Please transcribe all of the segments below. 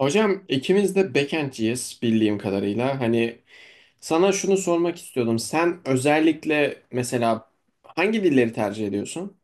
Hocam ikimiz de backendciyiz bildiğim kadarıyla. Hani sana şunu sormak istiyordum. Sen özellikle mesela hangi dilleri tercih ediyorsun?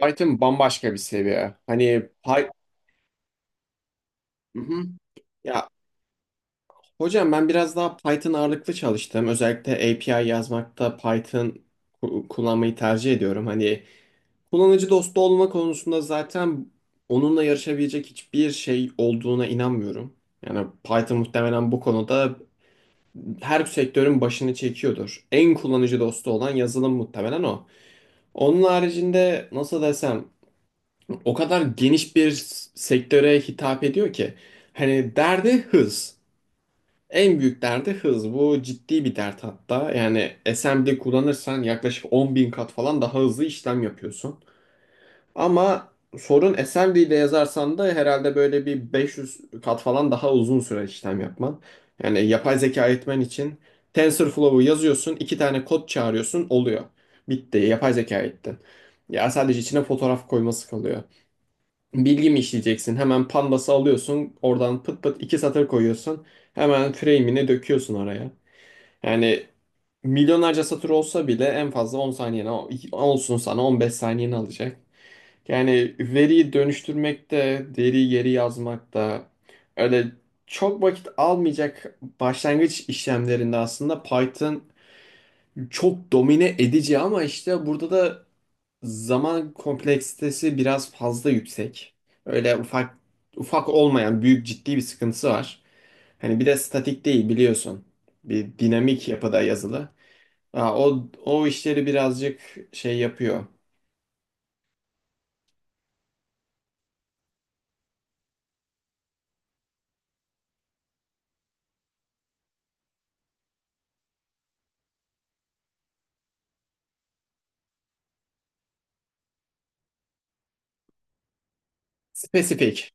Python bambaşka bir seviye. Hani Py- hı hı. Ya hocam ben biraz daha Python ağırlıklı çalıştım. Özellikle API yazmakta Python kullanmayı tercih ediyorum. Hani kullanıcı dostu olma konusunda zaten onunla yarışabilecek hiçbir şey olduğuna inanmıyorum. Yani Python muhtemelen bu konuda her sektörün başını çekiyordur. En kullanıcı dostu olan yazılım muhtemelen o. Onun haricinde nasıl desem o kadar geniş bir sektöre hitap ediyor ki. Hani derdi hız. En büyük derdi hız. Bu ciddi bir dert hatta. Yani assembly kullanırsan yaklaşık 10.000 kat falan daha hızlı işlem yapıyorsun. Ama sorun SMD ile yazarsan da herhalde böyle bir 500 kat falan daha uzun süre işlem yapman. Yani yapay zeka eğitmen için TensorFlow'u yazıyorsun, iki tane kod çağırıyorsun, oluyor. Bitti, yapay zeka eğittin. Ya sadece içine fotoğraf koyması kalıyor. Bilgi mi işleyeceksin? Hemen Pandas'ı alıyorsun, oradan pıt pıt iki satır koyuyorsun. Hemen frame'ini döküyorsun oraya. Yani milyonlarca satır olsa bile en fazla 10 saniyene olsun sana 15 saniyeni alacak. Yani veriyi dönüştürmek de, deri yeri yazmak da öyle çok vakit almayacak. Başlangıç işlemlerinde aslında Python çok domine edici ama işte burada da zaman kompleksitesi biraz fazla yüksek. Öyle ufak ufak olmayan, büyük, ciddi bir sıkıntısı var. Hani bir de statik değil biliyorsun. Bir dinamik yapıda yazılı. Aa, o işleri birazcık şey yapıyor. Spesifik.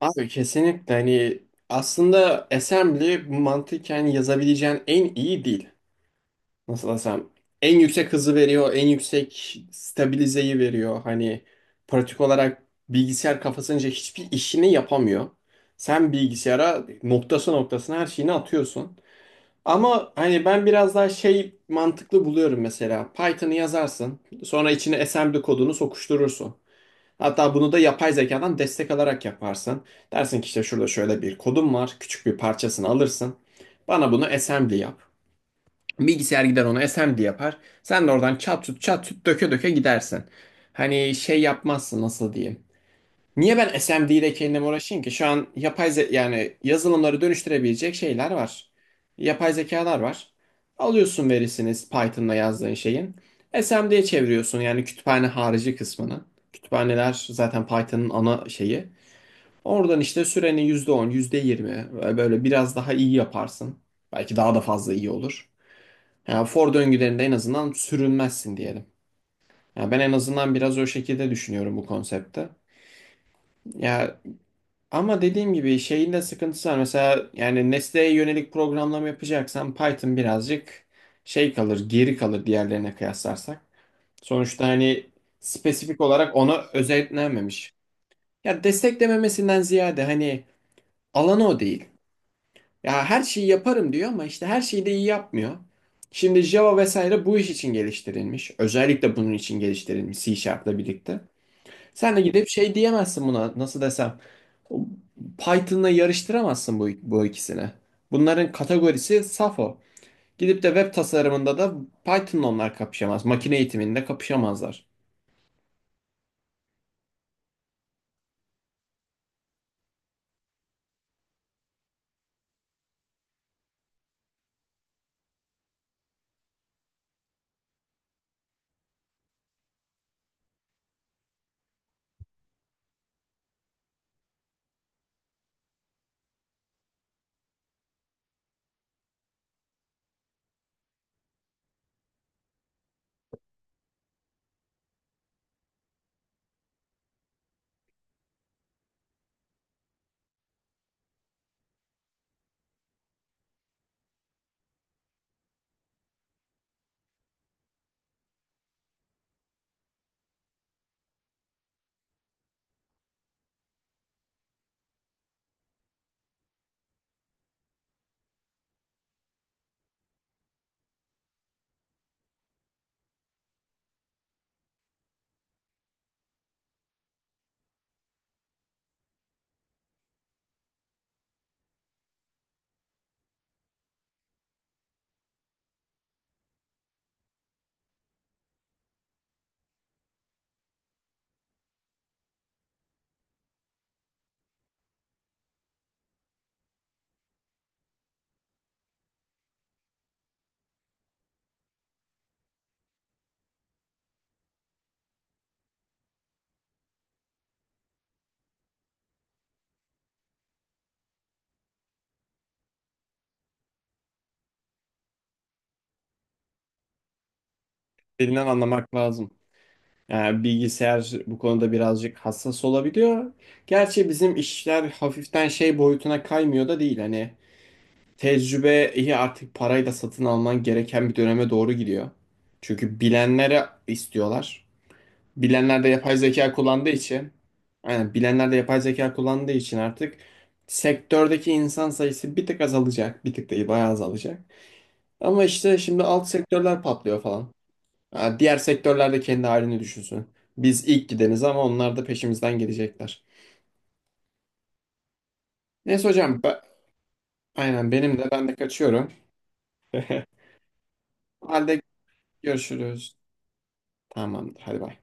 Abi kesinlikle hani aslında assembly mantıken yazabileceğin en iyi dil. Nasıl desem en yüksek hızı veriyor, en yüksek stabilizeyi veriyor. Hani pratik olarak bilgisayar kafasınca hiçbir işini yapamıyor. Sen bilgisayara noktası noktasına her şeyini atıyorsun. Ama hani ben biraz daha şey mantıklı buluyorum mesela. Python'ı yazarsın, sonra içine assembly kodunu sokuşturursun. Hatta bunu da yapay zekadan destek alarak yaparsın. Dersin ki işte şurada şöyle bir kodum var. Küçük bir parçasını alırsın. Bana bunu assembly yap. Bilgisayar gider onu assembly yapar. Sen de oradan çat tut çat tut döke döke gidersin. Hani şey yapmazsın, nasıl diyeyim. Niye ben SMD ile kendim uğraşayım ki? Şu an yani yazılımları dönüştürebilecek şeyler var. Yapay zekalar var. Alıyorsun verisini Python'la yazdığın şeyin. SMD'ye çeviriyorsun yani kütüphane harici kısmını. Kütüphaneler zaten Python'ın ana şeyi. Oradan işte sürenin %10, %20 böyle biraz daha iyi yaparsın. Belki daha da fazla iyi olur. Yani for döngülerinde en azından sürünmezsin diyelim. Ya ben en azından biraz o şekilde düşünüyorum bu konsepte. Ya, ama dediğim gibi şeyin de sıkıntısı var. Mesela yani nesneye yönelik programlama yapacaksan Python birazcık şey kalır, geri kalır diğerlerine kıyaslarsak. Sonuçta hani spesifik olarak ona özetlenmemiş. Ya desteklememesinden ziyade hani alanı o değil. Ya her şeyi yaparım diyor ama işte her şeyi de iyi yapmıyor. Şimdi Java vesaire bu iş için geliştirilmiş. Özellikle bunun için geliştirilmiş C Sharp'la birlikte. Sen de gidip şey diyemezsin buna, nasıl desem. Python'la yarıştıramazsın bu ikisini. Bunların kategorisi Safo. Gidip de web tasarımında da Python'la onlar kapışamaz. Makine eğitiminde kapışamazlar. Dilinden anlamak lazım. Yani bilgisayar bu konuda birazcık hassas olabiliyor. Gerçi bizim işler hafiften şey boyutuna kaymıyor da değil. Hani tecrübeyi artık parayla satın alman gereken bir döneme doğru gidiyor. Çünkü bilenlere istiyorlar. Bilenler de yapay zeka kullandığı için, aynen, bilenler de yapay zeka kullandığı için artık sektördeki insan sayısı bir tık azalacak. Bir tık değil, bayağı azalacak. Ama işte şimdi alt sektörler patlıyor falan. Ha, diğer sektörler de kendi halini düşünsün. Biz ilk gideniz ama onlar da peşimizden gelecekler. Neyse hocam, aynen, benim de, ben de kaçıyorum. O halde görüşürüz. Tamamdır, hadi bay.